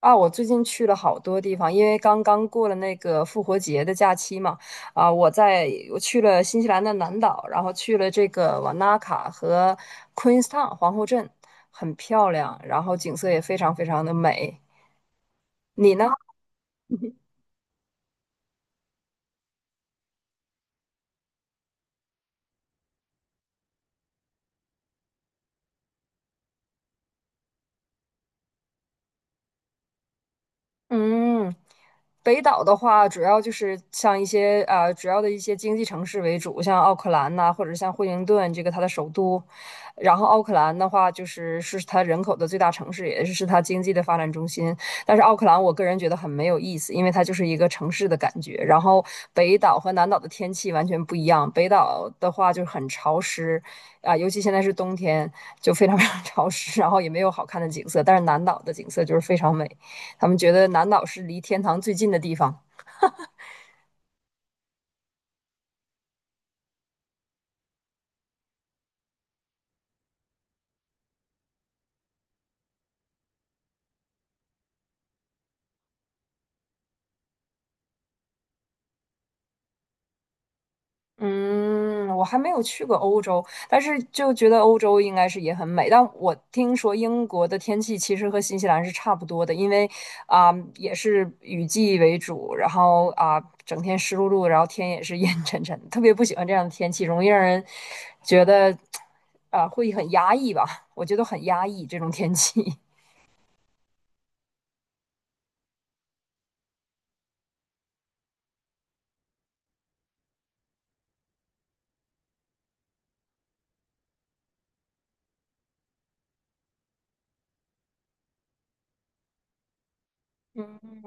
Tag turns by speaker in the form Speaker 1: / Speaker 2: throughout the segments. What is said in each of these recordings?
Speaker 1: 啊，我最近去了好多地方，因为刚刚过了那个复活节的假期嘛。啊，我去了新西兰的南岛，然后去了这个瓦纳卡和 Queenstown 皇后镇。很漂亮，然后景色也非常非常的美。你呢？嗯，北岛的话，主要就是像一些主要的一些经济城市为主，像奥克兰呐、或者像惠灵顿这个它的首都。然后奥克兰的话，就是它人口的最大城市，也是它经济的发展中心。但是奥克兰，我个人觉得很没有意思，因为它就是一个城市的感觉。然后北岛和南岛的天气完全不一样，北岛的话就是很潮湿啊、尤其现在是冬天，就非常非常潮湿，然后也没有好看的景色。但是南岛的景色就是非常美。他们觉得南岛是离天堂最近的地方。嗯，我还没有去过欧洲，但是就觉得欧洲应该是也很美。但我听说英国的天气其实和新西兰是差不多的，因为也是雨季为主，然后整天湿漉漉，然后天也是 阴沉沉的，特别不喜欢这样的天气，容易让人觉得会很压抑吧？我觉得很压抑这种天气。嗯，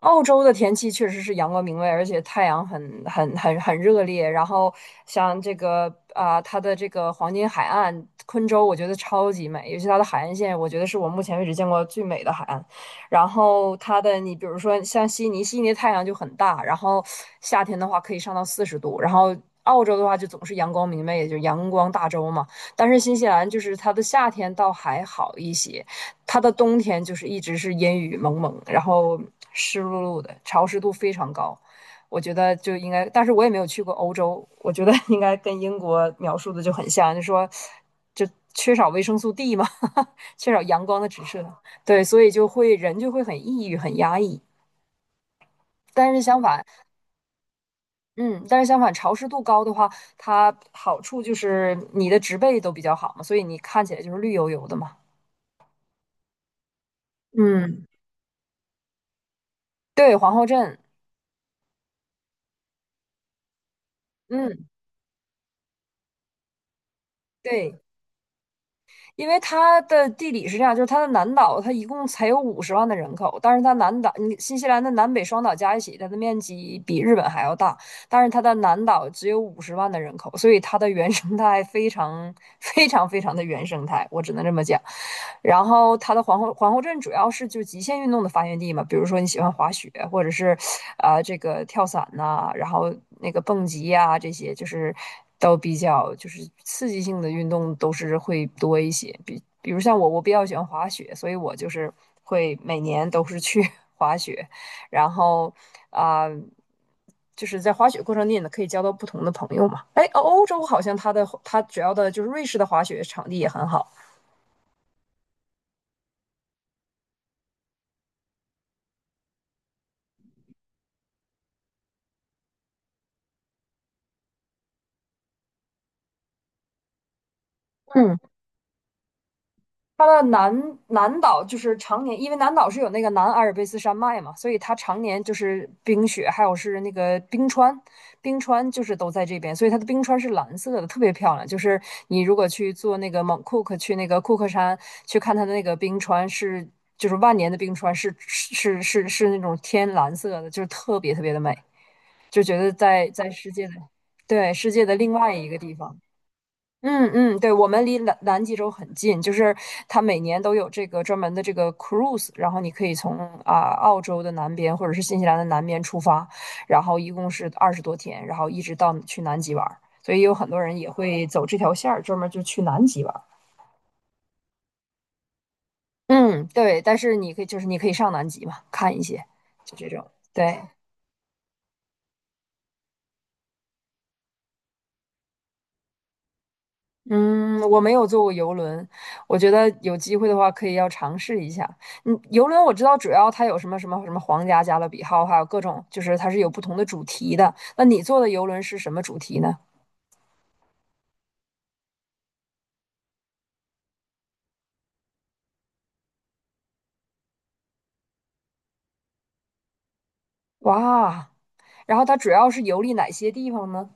Speaker 1: 澳洲的天气确实是阳光明媚，而且太阳很热烈。然后像它的这个黄金海岸昆州，我觉得超级美，尤其它的海岸线，我觉得是我目前为止见过最美的海岸。然后你比如说像悉尼，悉尼的太阳就很大，然后夏天的话可以上到40度。然后澳洲的话就总是阳光明媚，也就阳光大洲嘛。但是新西兰就是它的夏天倒还好一些，它的冬天就是一直是阴雨蒙蒙，然后湿漉漉的，潮湿度非常高。我觉得就应该，但是我也没有去过欧洲，我觉得应该跟英国描述的就很像，就缺少维生素 D 嘛，缺少阳光的直射，对，所以人就会很抑郁、很压抑。但是相反，嗯，但是相反，潮湿度高的话，它好处就是你的植被都比较好嘛，所以你看起来就是绿油油的嘛。嗯，对，皇后镇，嗯，对。因为它的地理是这样，就是它的南岛，它一共才有五十万的人口，但是它南岛，你新西兰的南北双岛加一起，它的面积比日本还要大，但是它的南岛只有五十万的人口，所以它的原生态非常非常非常的原生态，我只能这么讲。然后它的皇后镇主要是就极限运动的发源地嘛，比如说你喜欢滑雪，或者是这个跳伞呐、然后那个蹦极呀、这些就是都比较就是刺激性的运动都是会多一些。比如像我，我比较喜欢滑雪，所以我就是会每年都是去 滑雪，然后啊。就是在滑雪过程中，呢，可以交到不同的朋友嘛。哎，欧洲好像它主要的就是瑞士的滑雪场地也很好。嗯，它的南岛就是常年，因为南岛是有那个南阿尔卑斯山脉嘛，所以它常年就是冰雪，还有是那个冰川，冰川就是都在这边，所以它的冰川是蓝色的，特别漂亮。就是你如果去坐那个蒙库克，去那个库克山去看它的那个冰川是，就是万年的冰川是那种天蓝色的，就是特别特别的美，就觉得在世界的，对，世界的另外一个地方。嗯嗯，对，我们离南极洲很近，就是它每年都有这个专门的这个 cruise，然后你可以从澳洲的南边或者是新西兰的南边出发，然后一共是20多天，然后一直到去南极玩儿，所以有很多人也会走这条线儿，专门就去南极玩儿。嗯，对，但是你可以上南极嘛，看一些，就这种，对。嗯，我没有坐过游轮，我觉得有机会的话可以要尝试一下。嗯，游轮我知道主要它有什么什么什么皇家加勒比号，还有各种就是它是有不同的主题的。那你坐的游轮是什么主题呢？哇，然后它主要是游历哪些地方呢？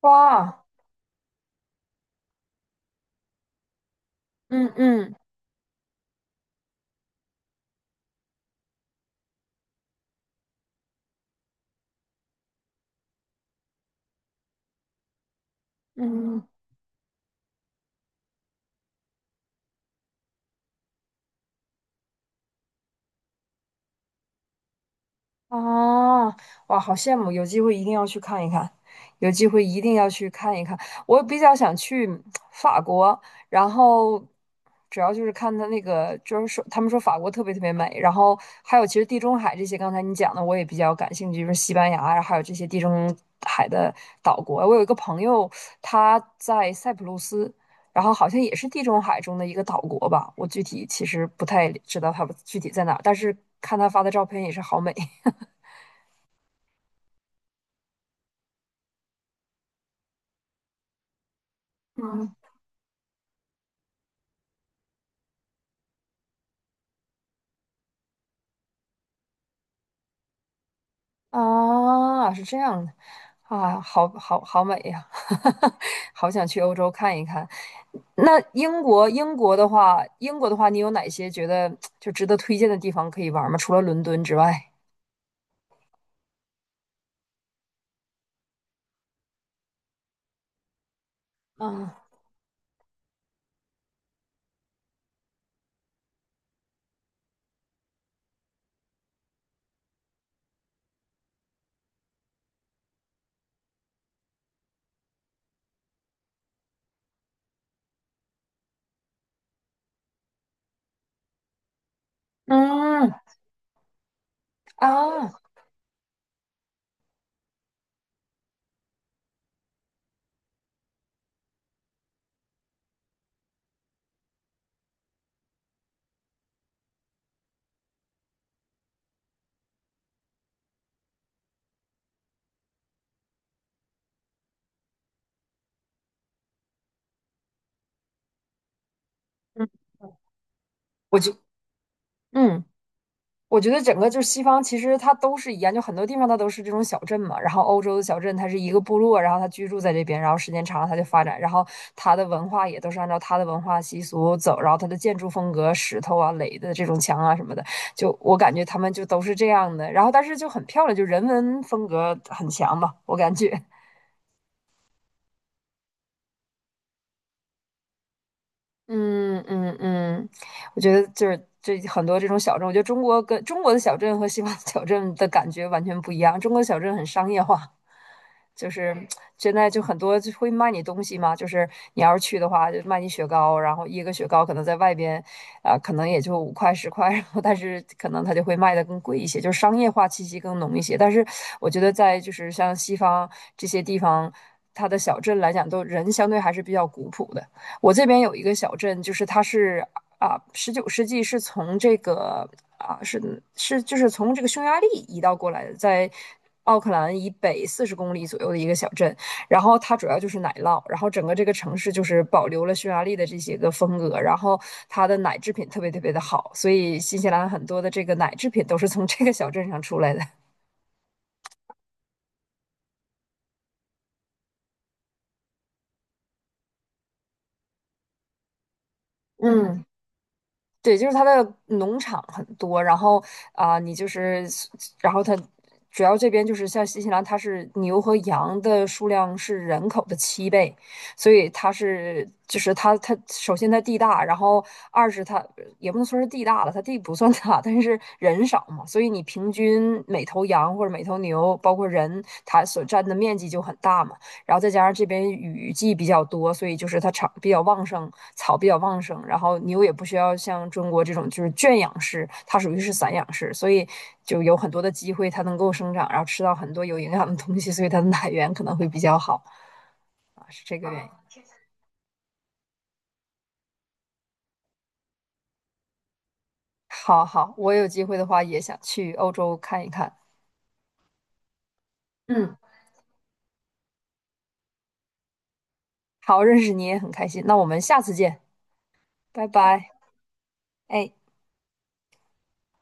Speaker 1: 哇，嗯嗯嗯。啊，哇，好羡慕！有机会一定要去看一看，有机会一定要去看一看。我比较想去法国，然后主要就是看他那个，就是说他们说法国特别特别美，然后还有其实地中海这些，刚才你讲的我也比较感兴趣，就是西班牙呀，还有这些地中海的岛国。我有一个朋友，他在塞浦路斯。然后好像也是地中海中的一个岛国吧，我具体其实不太知道他具体在哪儿，但是看他发的照片也是好美。嗯，啊，是这样的，啊，好好好美呀，好想去欧洲看一看。那英国，英国的话，英国的话，你有哪些觉得就值得推荐的地方可以玩吗？除了伦敦之外。嗯嗯啊，嗯，我就嗯。我觉得整个就是西方，其实它都是一样，就很多地方它都是这种小镇嘛。然后欧洲的小镇，它是一个部落，然后它居住在这边，然后时间长了它就发展，然后它的文化也都是按照它的文化习俗走，然后它的建筑风格，石头啊垒的这种墙啊什么的，就我感觉他们就都是这样的。然后但是就很漂亮，就人文风格很强嘛，我感觉。嗯嗯嗯，我觉得就是这很多这种小镇，我觉得中国的小镇和西方的小镇的感觉完全不一样。中国的小镇很商业化，就是现在就很多就会卖你东西嘛，就是你要是去的话，就卖你雪糕，然后一个雪糕可能在外边可能也就5块10块，然后但是可能它就会卖的更贵一些，就是商业化气息更浓一些。但是我觉得在就是像西方这些地方，它的小镇来讲，都人相对还是比较古朴的。我这边有一个小镇，就是它是19世纪是从这个啊是是就是从这个匈牙利移到过来的，在奥克兰以北40公里左右的一个小镇。然后它主要就是奶酪，然后整个这个城市就是保留了匈牙利的这些个风格，然后它的奶制品特别特别的好，所以新西兰很多的这个奶制品都是从这个小镇上出来的。嗯对，就是它的农场很多，然后你就是，然后它主要这边就是像新西兰，它是牛和羊的数量是人口的7倍，所以它是就是它它首先它地大，然后二是它也不能说是地大了，它地不算大，但是人少嘛，所以你平均每头羊或者每头牛，包括人，它所占的面积就很大嘛。然后再加上这边雨季比较多，所以就是它草比较旺盛，草比较旺盛，然后牛也不需要像中国这种就是圈养式，它属于是散养式，所以就有很多的机会它能够生长，然后吃到很多有营养的东西，所以它的奶源可能会比较好啊，是这个原因。好好，我有机会的话也想去欧洲看一看。嗯，好，认识你也很开心，那我们下次见，拜拜。哎。